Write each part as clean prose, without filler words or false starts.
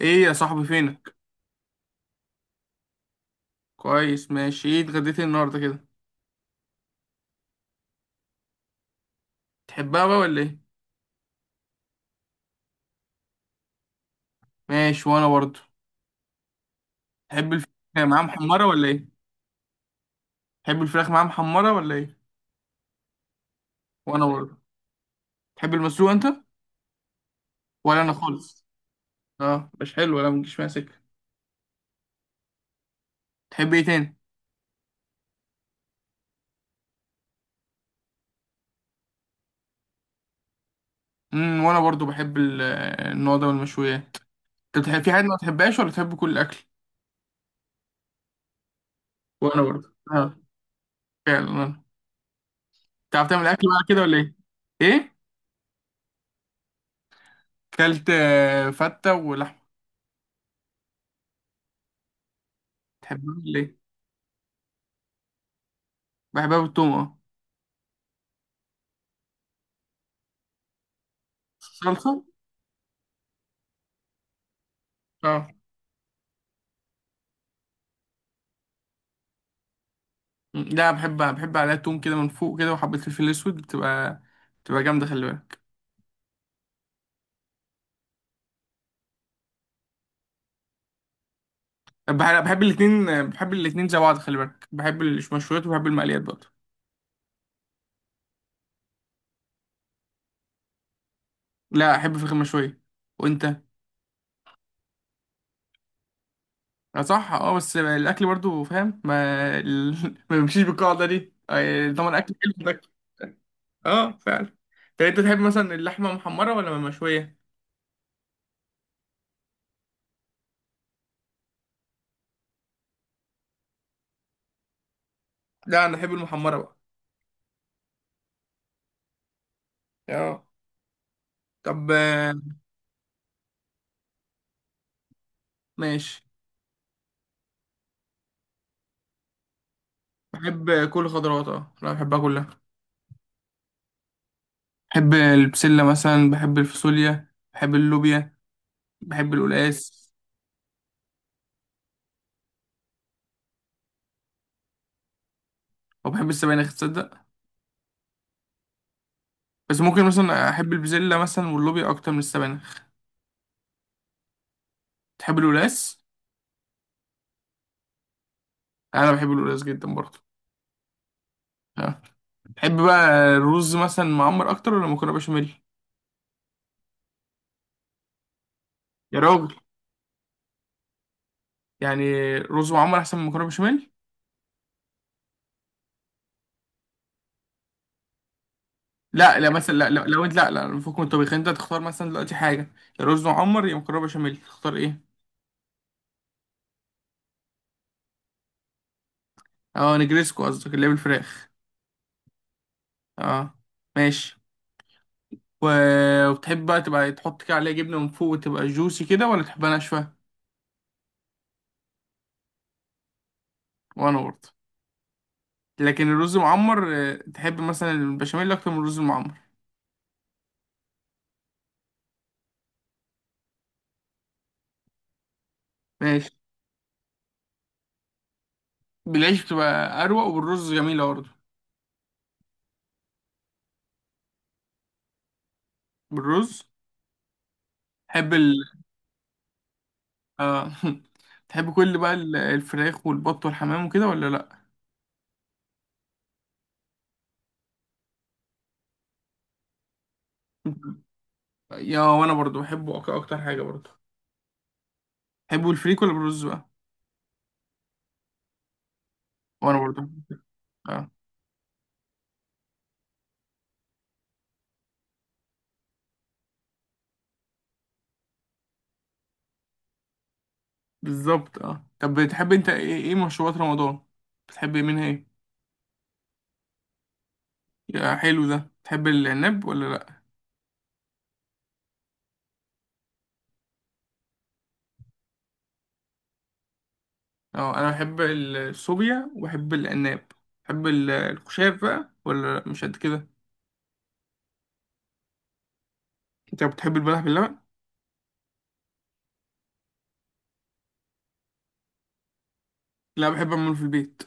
ايه يا صاحبي، فينك؟ كويس، ماشي. ايه اتغديت إيه النهارده كده؟ تحبها بقى ولا ايه؟ ماشي، وانا برضه. تحب الفراخ معاها محمره ولا ايه؟ تحب الفراخ معاها محمره ولا ايه؟ وانا برضه. تحب المسلوق انت؟ ولا انا خالص. اه، مش حلو، ولا مجيش معايا سكه. تحب ايه تاني؟ وانا برضه بحب النوع ده من المشويات. انت بتحب في حاجه ما تحبهاش ولا تحب كل الاكل؟ وانا برضه اه، فعلا. انا تعرف تعمل اكل بقى كده ولا ايه؟ ايه؟ كلت فته ولحمه. تحبها ولا ايه؟ بحبها بالثوم اه. صلصه. اه. لا، بحب عليها توم كده من فوق كده، وحبة الفلفل الأسود بتبقى، بتبقى جامدة، خلي بالك. بحب الاتنين، بحب الاتنين زي بعض، خلي بالك. بحب المشويات وبحب المقليات برضه. لا، أحب فراخ مشوية. وأنت؟ اه صح اه، بس الأكل برضه فاهم ما ال... ما بيمشيش بالقاعدة دي. طبعا أكل حلو ده. اه فعلا. طب أنت تحب مثلا اللحمة محمرة ولا مشوية؟ لا، أنا أحب المحمرة بقى. اه. طب ماشي. بحب كل خضروات اه، لا بحبها كلها. بحب البسلة مثلا، بحب الفاصوليا، بحب اللوبيا، بحب القلقاس. وبحب السبانخ، تصدق. بس ممكن مثلا أحب البسلة مثلا واللوبيا أكتر من السبانخ. تحب القلقاس؟ أنا بحب القلقاس جدا برضه. آه. تحب بقى الرز مثلا معمر أكتر ولا مكرونة بشاميل؟ يا راجل، يعني رز معمر أحسن من مكرونة بشاميل؟ لا لا مثلا، لا لا لو أنت، لا لا، فوق من الطبيخ أنت تختار مثلا دلوقتي حاجة، يا رز معمر يا مكرونة بشاميل، تختار إيه؟ أه، نجريسكو قصدك اللي هي بالفراخ. أه، ماشي. و- وتحب بقى تبقى تحط كده عليها جبنة من فوق وتبقى جوسي كده، ولا تحبها ناشفة؟ وأنا برضه. لكن الرز المعمر، تحب مثلا البشاميل أكتر من الرز المعمر؟ ماشي. بالعيش بتبقى أروق، وبالرز جميلة برضه. بالرز. تحب ال. آه. تحب كل بقى الفراخ والبط والحمام وكده، ولا لأ؟ يا، وأنا برضه بحبه، أكتر حاجة برضه. تحبه الفريك ولا بالرز بقى؟ وأنا برضه اه. بالظبط اه. طب بتحب أنت إيه، إيه مشروبات رمضان؟ بتحب منها إيه؟ يا حلو ده، تحب العناب ولا لا؟ اه، انا بحب الصوبيا وبحب العناب. بحب الخشاف بقى ولا لأ؟ مش قد كده. انت بتحب البلح باللبن؟ لا، بحب اعمله في البيت.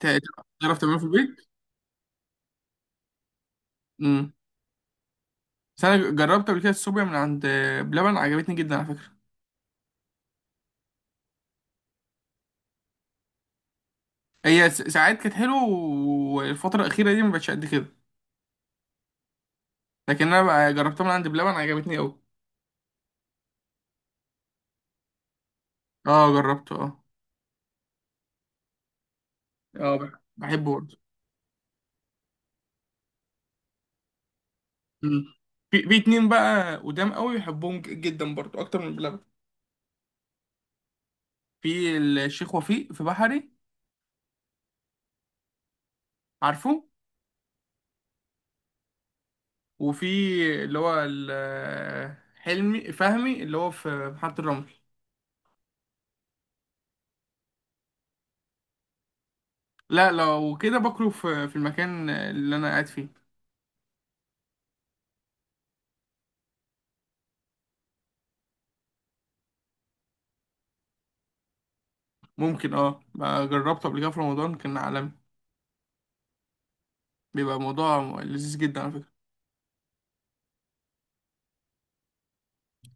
تا- تعرف تعمله في البيت. امم. بس انا جربت قبل كده الصوبيا من عند بلبن، عجبتني جدا على فكره. هي ساعات كانت حلوه، والفتره الاخيره دي ما بقتش قد كده. لكن انا بقى جربتها من عند بلبن، عجبتني قوي. اه جربته اه. اه، بحبه برضه. أمم. في اتنين بقى قدام قوي بحبهم، جدا برضه اكتر من بلبن. في الشيخ وفيق في بحري، عارفه. وفي اللي هو حلمي فهمي، اللي هو في محطة الرمل. لا، لو كده باكله في المكان اللي انا قاعد فيه. ممكن اه، بقى جربته قبل كده في رمضان، كان عالمي. بيبقى موضوع لذيذ جدا على فكرة.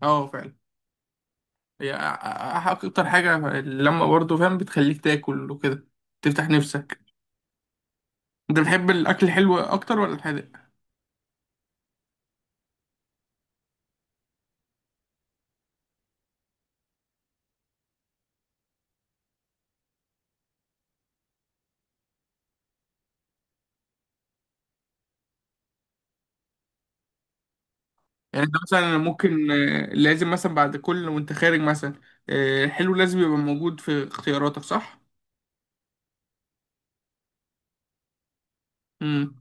اه فعلا. هي اكتر حاجة لما برضه فاهم، بتخليك تاكل وكده، تفتح نفسك. انت بتحب الاكل الحلو اكتر ولا الحادق؟ يعني انت مثلا، أنا ممكن لازم مثلا بعد كل وانت خارج مثلا، الحلو لازم يبقى موجود في اختياراتك، صح؟ امم.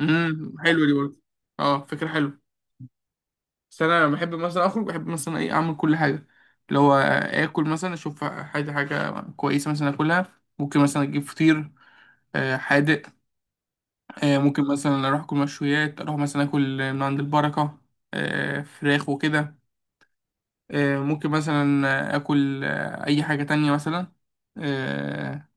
حلو دي برضه. اه، فكرة حلوة. بس انا بحب مثلا اخرج، بحب مثلا ايه، اعمل كل حاجة، اللي هو اكل مثلا، اشوف حاجة، حاجة كويسة مثلا اكلها. ممكن مثلا اجيب فطير حادق. ممكن مثلا اروح اكل مشويات، اروح مثلا اكل من عند البركة، فراخ وكده. ممكن مثلا اكل اي حاجة تانية مثلا. آه،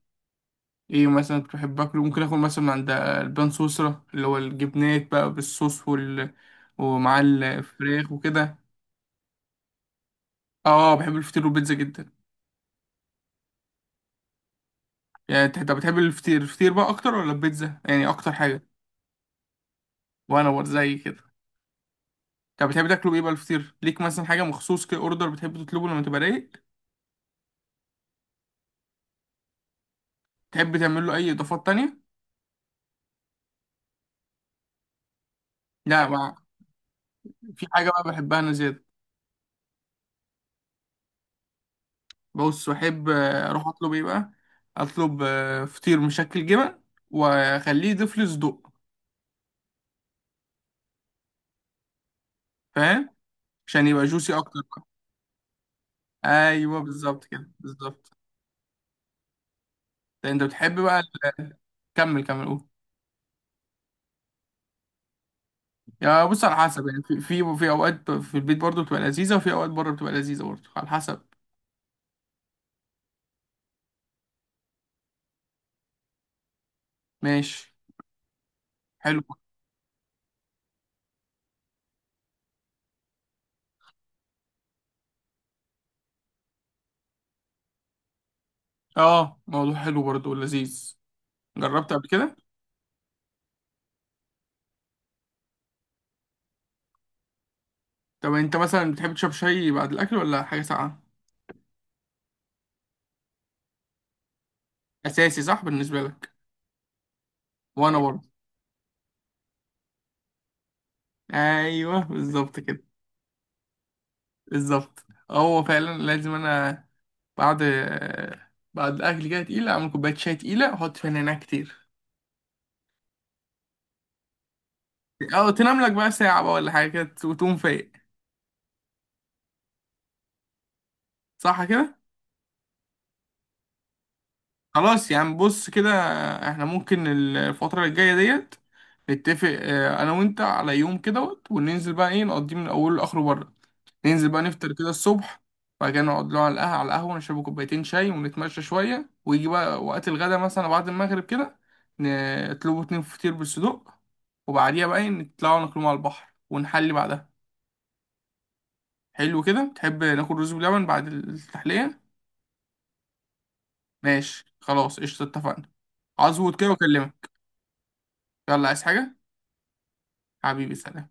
ايه مثلا كنت بحب اكله، ممكن اكل مثلا من عند البان سويسرا، اللي هو الجبنات بقى بالصوص ومع الفراخ وكده. اه، بحب الفطير والبيتزا جدا. يعني انت، أنت بتحب الفطير، الفطير بقى اكتر ولا البيتزا، يعني اكتر حاجه؟ وانا برضه زي كده. طب بتحب تاكله ايه بقى الفطير، ليك مثلا حاجه مخصوص كده، اوردر بتحب تطلبه لما تبقى رايق؟ تحب تعمل له اي اضافات تانية؟ لا مع... في حاجه بقى بحبها انا زياده. بص، بحب اروح اطلب ايه بقى، اطلب فطير مشكل جبن، واخليه يضيف لي صدق، فاهم، عشان يبقى جوسي اكتر بقى. ايوه، بالظبط كده، بالظبط. ده انت بتحب بقى ال- كمل كمل، قول. يا، بص، على حسب يعني، في في اوقات في البيت برضه بتبقى لذيذه، وفي اوقات بره بتبقى لذيذه برضه، على حسب. ماشي. حلو. اه، موضوع حلو برضه ولذيذ. جربت قبل كده. طب انت مثلا بتحب تشرب شاي بعد الاكل ولا حاجه ساقعه؟ اساسي صح بالنسبه لك؟ وانا برضه. ايوه بالظبط كده، بالظبط. هو فعلا لازم، انا بعد، الاكل كده تقيله، اعمل كوبايه شاي تقيله، احط فيها نعناع كتير. او تنام لك بقى ساعه بقى ولا حاجه كده وتقوم فايق. صح كده. خلاص يعني، بص كده، احنا ممكن الفتره الجايه ديت نتفق انا وانت على يوم كده، وننزل بقى ايه، نقضيه من اوله لاخره بره. ننزل بقى نفطر كده الصبح، وبعد كده نقعد له على القهوة، على القهوة نشرب كوبايتين شاي، ونتمشى شوية، ويجي بقى وقت الغدا مثلا بعد المغرب كده، نطلبوا اتنين فطير بالصدوق، وبعديها بقى نطلعوا ناكلهم على البحر، ونحلي بعدها. حلو كده. تحب ناكل رز بلبن بعد التحلية؟ ماشي، خلاص، قشطة، اتفقنا. هظبط كده واكلمك. يلا، عايز حاجة؟ حبيبي، سلام.